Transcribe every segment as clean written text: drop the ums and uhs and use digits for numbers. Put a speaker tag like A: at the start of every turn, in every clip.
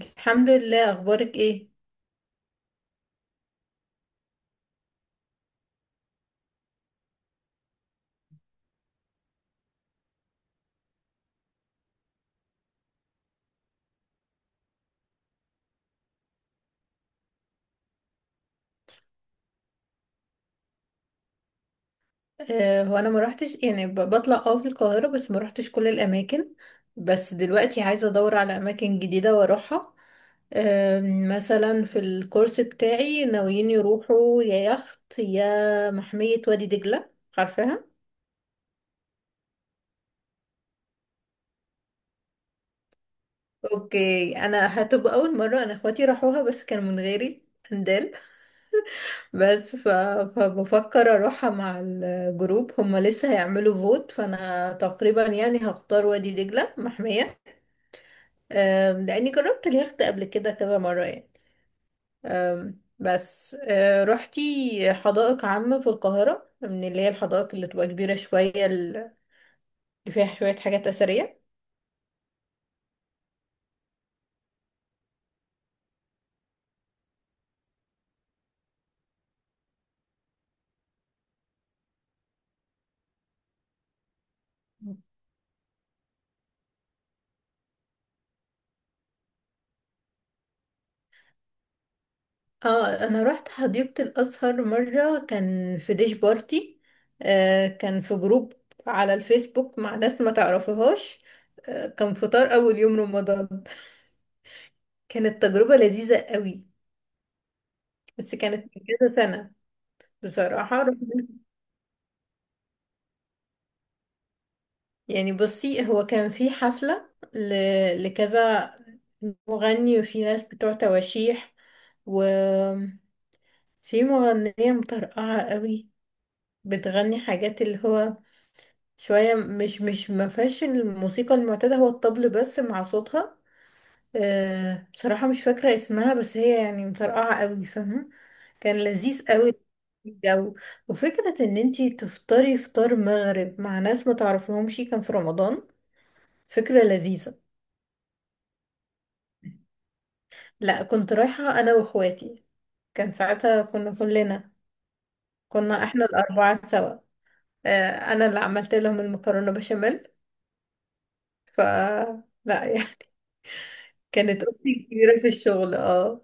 A: الحمد لله. اخبارك ايه؟ هو انا ما روحتش، يعني بطلع في القاهره، بس ما روحتش كل الاماكن. بس دلوقتي عايزه ادور على اماكن جديده واروحها. آه. مثلا في الكورس بتاعي ناويين يروحوا يا يخت يا محميه وادي دجله، عارفاها. اوكي، انا هتبقى اول مره، انا اخواتي راحوها بس كانوا من غيري اندال بس ف... فبفكر اروحها مع الجروب، هم لسه هيعملوا فوت، فانا تقريبا يعني هختار وادي دجلة محمية. لاني جربت اليخت قبل كده كذا مرة يعني. بس روحتي حدائق عامة في القاهرة، من اللي هي الحدائق اللي تبقى كبيرة شوية اللي فيها شوية حاجات أثرية. اه، انا رحت حديقة الازهر مرة، كان في ديش بارتي. كان في جروب على الفيسبوك مع ناس ما تعرفهاش. كان فطار اول يوم رمضان، كانت تجربة لذيذة قوي، بس كانت من كذا سنة. بصراحة يعني بصي، هو كان في حفلة لكذا مغني، وفي ناس بتوع تواشيح، وفي مغنية مطرقعة قوي، بتغني حاجات اللي هو شوية مش ما فيهاش الموسيقى المعتادة، هو الطبل بس مع صوتها. بصراحة مش فاكرة اسمها، بس هي يعني مطرقعة قوي، فاهمة. كان لذيذ قوي الجو، وفكرة ان انتي تفطري فطار مغرب مع ناس ما تعرفيهمش كان في رمضان، فكرة لذيذة. لا، كنت رايحة انا واخواتي، كان ساعتها كنا كلنا، كنا احنا الاربعة سوا. انا اللي عملت لهم المكرونة بشاميل. ف لا يعني كانت اختي كبيرة في الشغل، اه.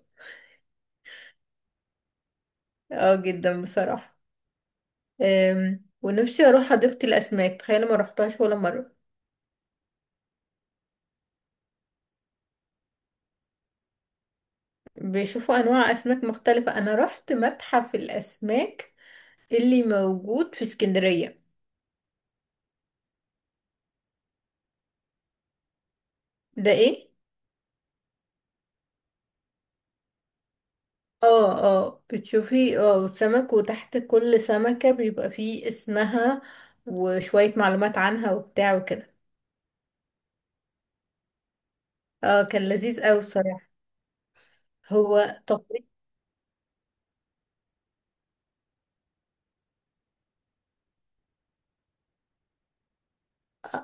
A: اه جدا بصراحة. ونفسي اروح حديقة الاسماك، تخيل ما روحتهاش ولا مرة. بيشوفوا انواع اسماك مختلفة، انا رحت متحف الاسماك اللي موجود في اسكندرية. ده ايه؟ اه، اه بتشوفي سمك، وتحت كل سمكة بيبقى فيه اسمها وشوية معلومات عنها وبتاع وكده. اه كان لذيذ اوي بصراحة. هو تقريبا.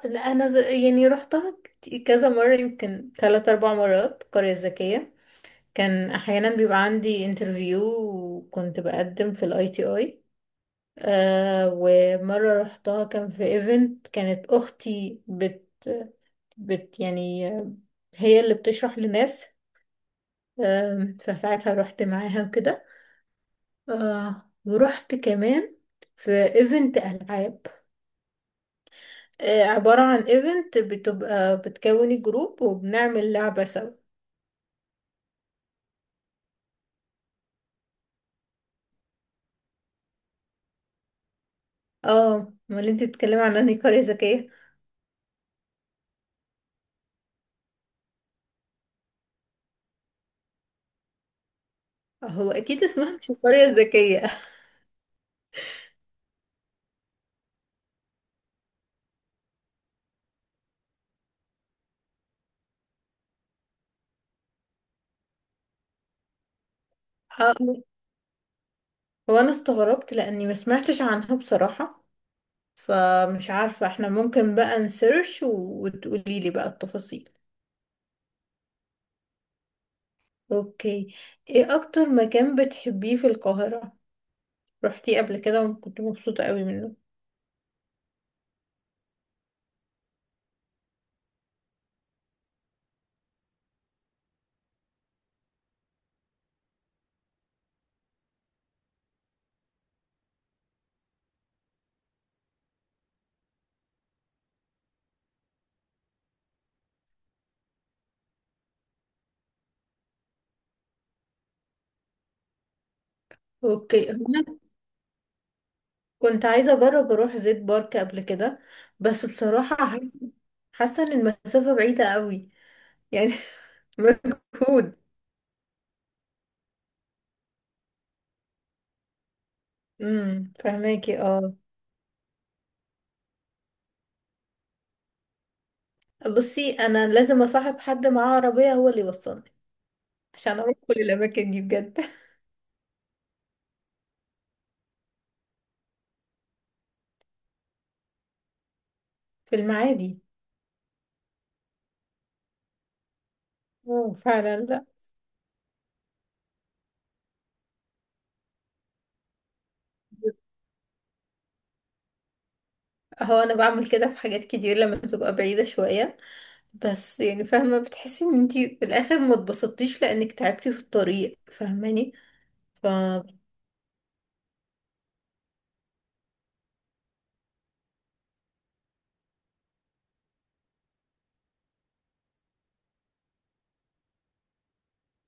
A: لا انا يعني روحتها كذا مرة، يمكن ثلاث اربع مرات، قرية ذكية. كان احيانا بيبقى عندي انترفيو، وكنت بقدم في الاي تي اي. ومره رحتها كان في ايفنت، كانت اختي بت بت يعني هي اللي بتشرح لناس. فساعتها رحت معاها وكده. ورحت كمان في ايفنت العاب، عباره عن ايفنت بتبقى بتكوني جروب وبنعمل لعبه سوا. اه، امال انت بتتكلمي عن انهي قريه ذكيه؟ هو اكيد اسمها مش القريه الذكيه. هو انا استغربت لاني ما سمعتش عنها بصراحة، فمش عارفة، احنا ممكن بقى نسيرش وتقولي لي بقى التفاصيل. اوكي. ايه اكتر مكان بتحبيه في القاهرة، رحتيه قبل كده وكنت مبسوطة قوي منه؟ اوكي. هو انا كنت عايزة اجرب اروح زيت بارك قبل كده، بس بصراحة حاسة، حاسة ان المسافة بعيدة قوي، يعني مجهود. امم، فهماكي اه. بصي انا لازم اصاحب حد معاه عربية هو اللي يوصلني عشان اروح كل الاماكن دي بجد في المعادي. اه فعلا، لا. هو انا بعمل كده في حاجات كتير لما تبقى بعيدة شوية، بس يعني فاهمة، بتحسي ان انتي في الاخر ما اتبسطتيش لانك تعبتي في الطريق، فاهماني. ف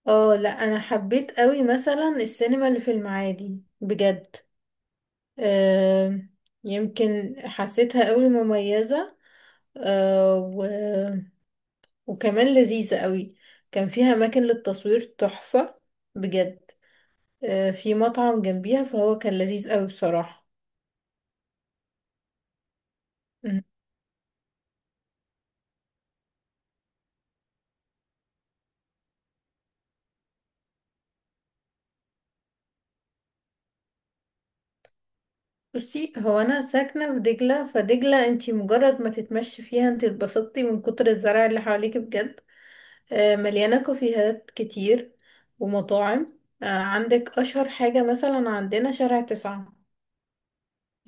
A: اه لا، انا حبيت قوي مثلا السينما اللي في المعادي بجد. آه يمكن حسيتها قوي مميزة. آه و... وكمان لذيذة قوي، كان فيها اماكن للتصوير تحفة بجد. في مطعم جنبيها، فهو كان لذيذ قوي بصراحة. مم. بصي هو انا ساكنة في دجلة، فدجلة انتي مجرد ما تتمشي فيها انتي اتبسطتي من كتر الزرع اللي حواليك بجد. مليانة كافيهات كتير ومطاعم. عندك اشهر حاجة مثلا عندنا شارع 9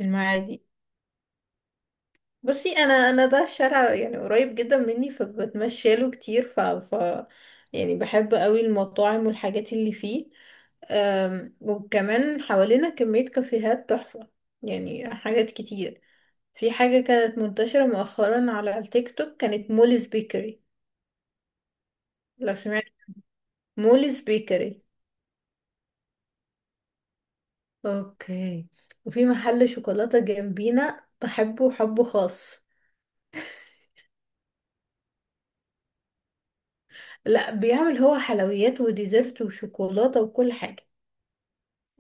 A: المعادي. بصي انا ده الشارع يعني قريب جدا مني، فبتمشى له كتير، يعني بحب قوي المطاعم والحاجات اللي فيه. وكمان حوالينا كمية كافيهات تحفة، يعني حاجات كتير. في حاجة كانت منتشرة مؤخرا على التيك توك، كانت موليز بيكري. لو سمعت موليز بيكري. اوكي. وفي محل شوكولاتة جنبينا بحبه حب خاص. لا، بيعمل هو حلويات وديزرت وشوكولاتة وكل حاجة.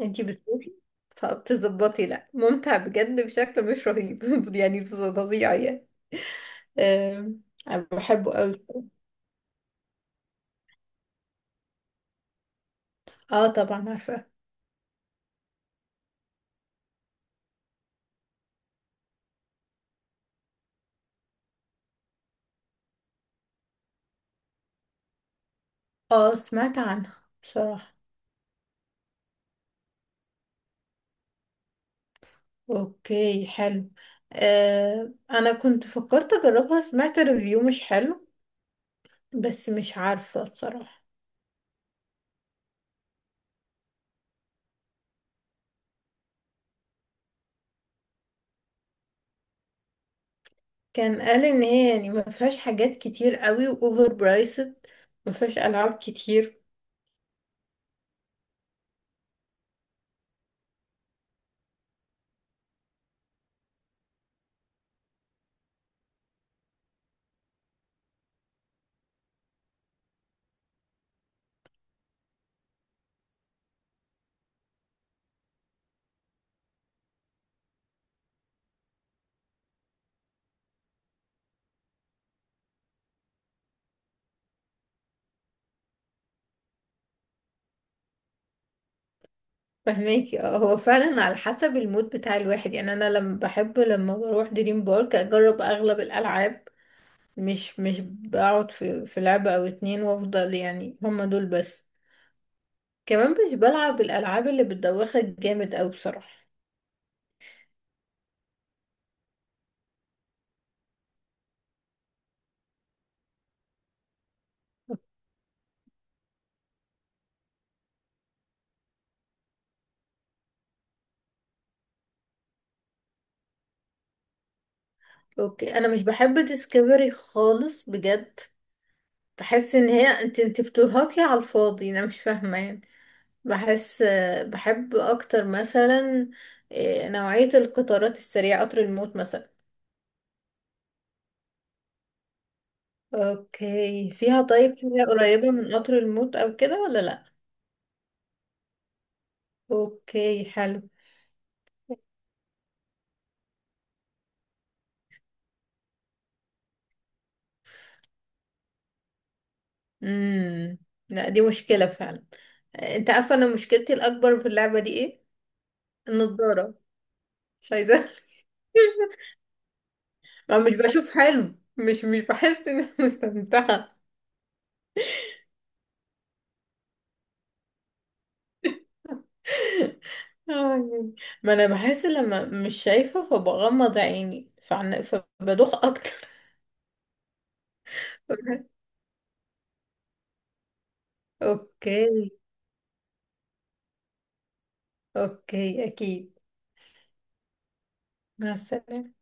A: انتي بتروحي فبتظبطي، لا، ممتع بجد بشكل مش رهيب يعني فظيع يعني. أم، أنا بحبه قوي. اه طبعا عارفة. اه سمعت عنها بصراحة. اوكي حلو. انا كنت فكرت اجربها، سمعت ريفيو مش حلو، بس مش عارفة بصراحة. كان قال ان هي يعني ما فيهاش حاجات كتير قوي، واوفر برايسد، ما فيهاش العاب كتير. فهماكي اه. هو فعلا على حسب المود بتاع الواحد يعني، انا لما بحب لما بروح دريم بارك اجرب اغلب الالعاب، مش بقعد في لعبة او اتنين وافضل يعني هما دول بس. كمان مش بلعب الالعاب اللي بتدوخك جامد اوي بصراحه. اوكي، انا مش بحب ديسكفري خالص بجد، بحس ان هي انت بترهقي على الفاضي، انا مش فاهمه يعني. بحس، بحب اكتر مثلا نوعيه القطارات السريعه، قطر الموت مثلا. اوكي، فيها طيب حاجه قريبه من قطر الموت او كده ولا لا؟ اوكي حلو. امم. لا دي مشكله فعلا. انت عارفه انا مشكلتي الاكبر في اللعبه دي ايه؟ النضاره، مش عايزه أنا مش بشوف حلو، مش بحس إن أنا مستمتعة آه، يعني ما أنا بحس لما مش شايفة فبغمض عيني فبدوخ أكتر أوكي. أوكي أكيد. مع السلامة.